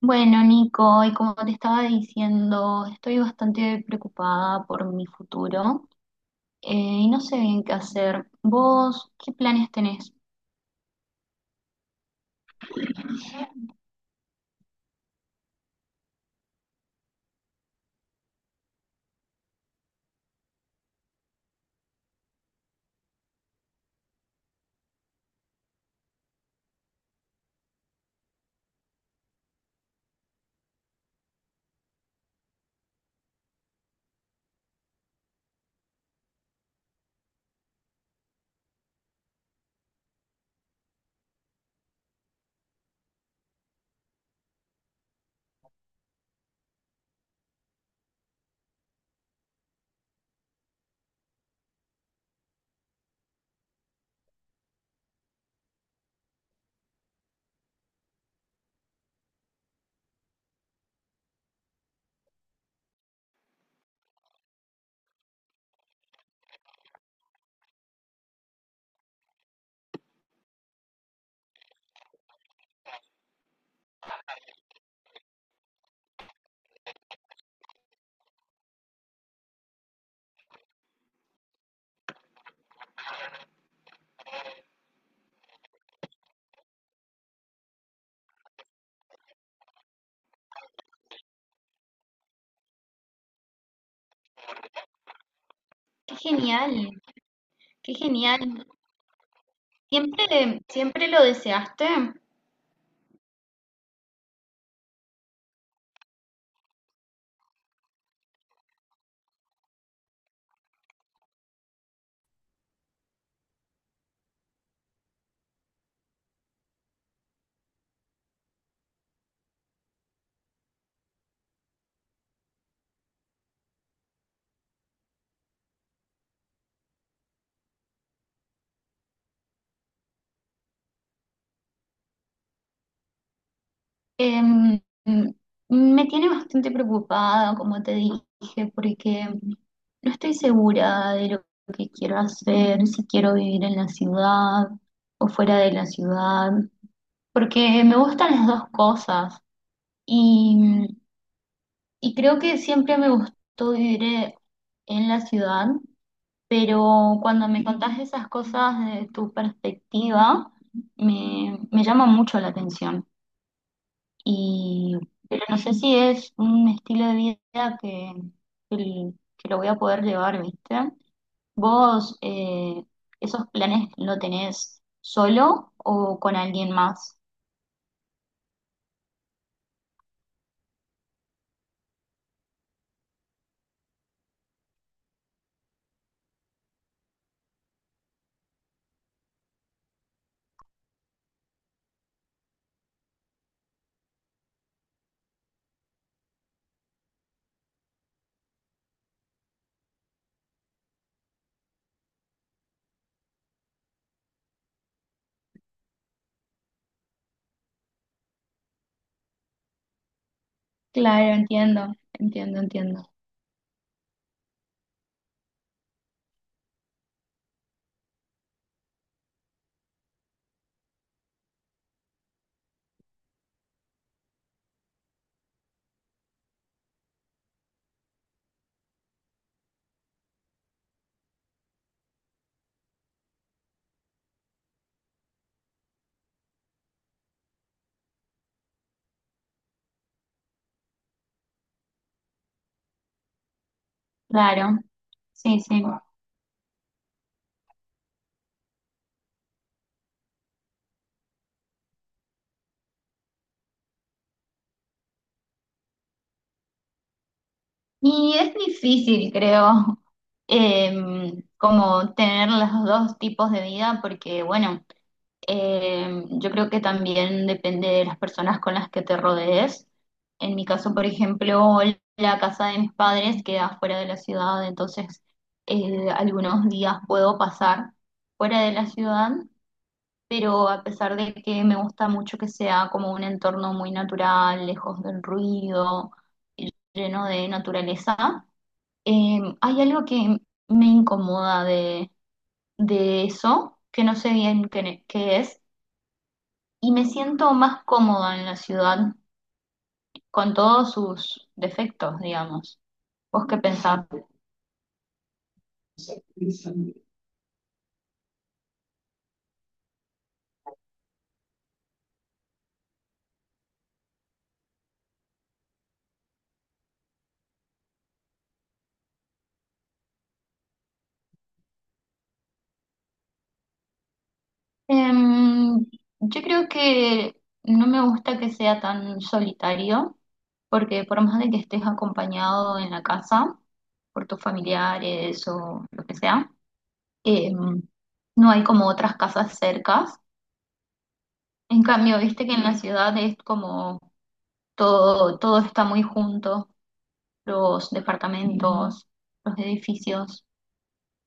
Bueno, Nico, y como te estaba diciendo, estoy bastante preocupada por mi futuro eh, y no sé bien qué hacer. ¿Vos qué planes tenés? Qué genial, qué genial. ¿Siempre, siempre lo deseaste? Em, Me tiene bastante preocupada, como te dije, porque no estoy segura de lo que quiero hacer, si quiero vivir en la ciudad o fuera de la ciudad, porque me gustan las dos cosas y, y creo que siempre me gustó vivir en la ciudad, pero cuando me contás esas cosas de tu perspectiva, me llama mucho la atención. Y pero no sé si es un estilo de vida que, que lo voy a poder llevar, ¿viste? ¿Vos esos planes lo tenés solo o con alguien más? Claro, entiendo, entiendo, entiendo. Claro, sí, sí. Y es difícil, creo, como tener los dos tipos de vida, porque bueno, yo creo que también depende de las personas con las que te rodees. En mi caso, por ejemplo, la casa de mis padres queda fuera de la ciudad, entonces algunos días puedo pasar fuera de la ciudad, pero a pesar de que me gusta mucho que sea como un entorno muy natural, lejos del ruido y lleno de naturaleza, hay algo que me incomoda de eso, que no sé bien qué, qué es, y me siento más cómoda en la ciudad con todos sus defectos, digamos. ¿Vos qué pensás? Em, yo creo que no me gusta que sea tan solitario, porque por más de que estés acompañado en la casa, por tus familiares o lo que sea, em, no hay como otras casas cercas. En cambio, viste que en la ciudad es como todo, todo está muy junto, los departamentos, los edificios.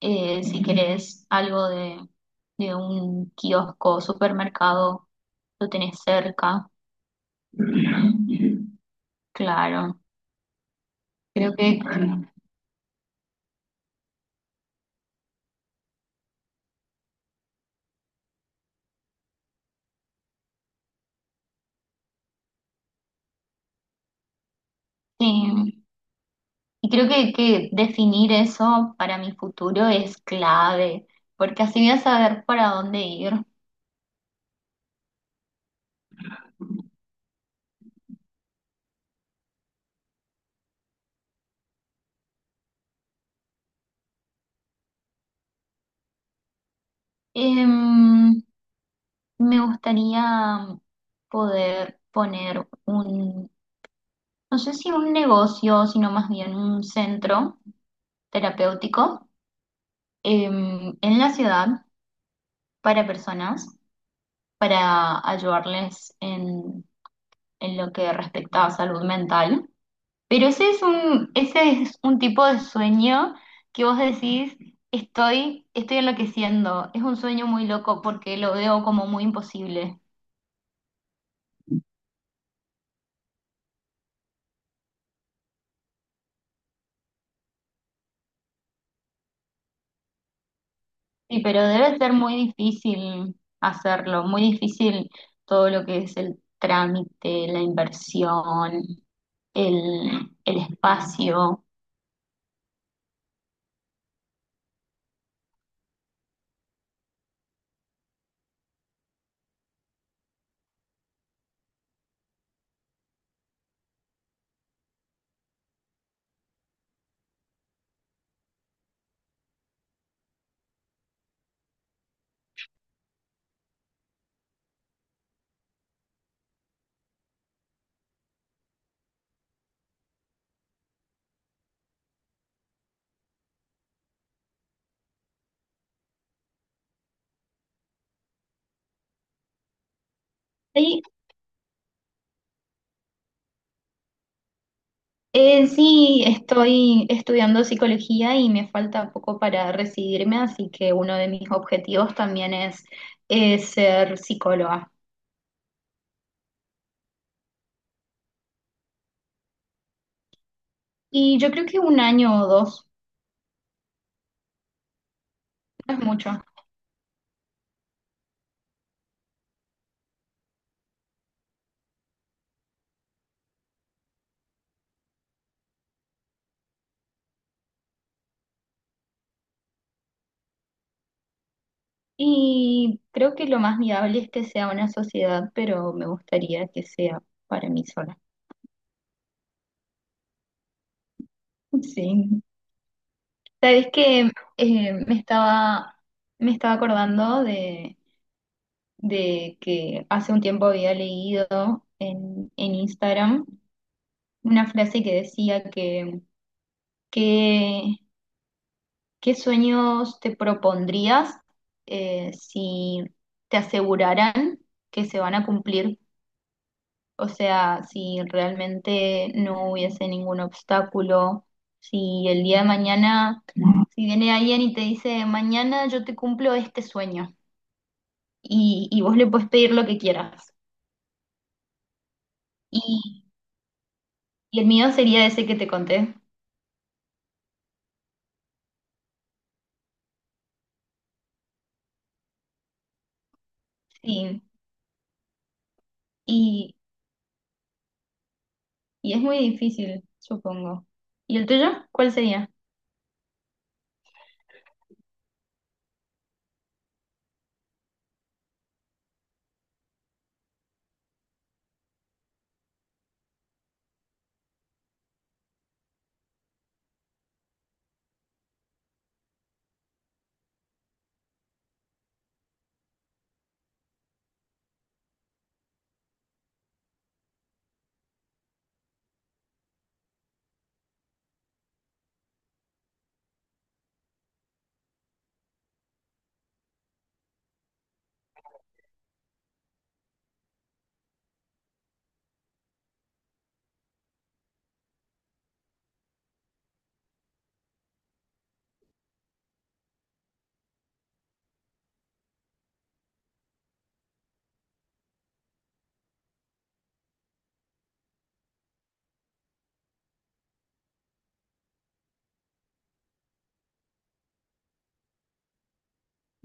Si querés algo de un kiosco, supermercado, lo tenés cerca. Claro, creo que sí. Y creo que definir eso para mi futuro es clave, porque así voy a saber para dónde ir. Em, Me gustaría poder poner un, no sé si un negocio, sino más bien un centro terapéutico en la ciudad para personas, para ayudarles en lo que respecta a salud mental. Pero ese es un tipo de sueño que vos decís, estoy enloqueciendo. Es un sueño muy loco porque lo veo como muy imposible. Sí, pero debe ser muy difícil hacerlo, muy difícil todo lo que es el trámite, la inversión, el espacio. Hay, eh, sí, estoy estudiando psicología y me falta poco para recibirme, así que uno de mis objetivos también es, ser psicóloga. Y yo creo que un año o dos no es mucho. Y creo que lo más viable es que sea una sociedad, pero me gustaría que sea para mí sola. Sí. Sabes que eh, me estaba, me estaba acordando de que hace un tiempo había leído en Instagram, una frase que decía que- ¿qué sueños te propondrías si te aseguraran que se van a cumplir? O sea, si realmente no hubiese ningún obstáculo, si el día de mañana, si viene alguien y te dice, mañana yo te cumplo este sueño y vos le puedes pedir lo que quieras. Y, y el mío sería ese que te conté. Sí. Y, y es muy difícil, supongo. ¿Y el tuyo? ¿Cuál sería?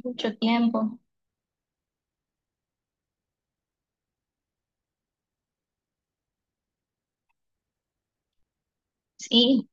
Mucho tiempo. Sí,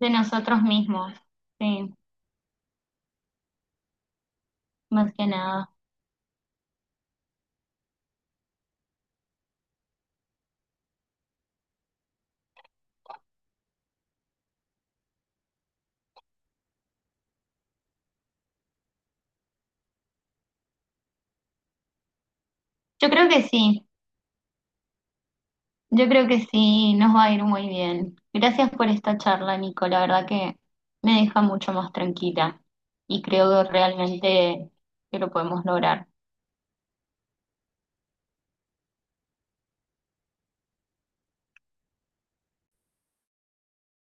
de nosotros mismos. Sí, más que nada. Yo creo que sí. Yo creo que sí, nos va a ir muy bien. Gracias por esta charla, Nico. La verdad que me deja mucho más tranquila y creo que realmente que lo podemos lograr.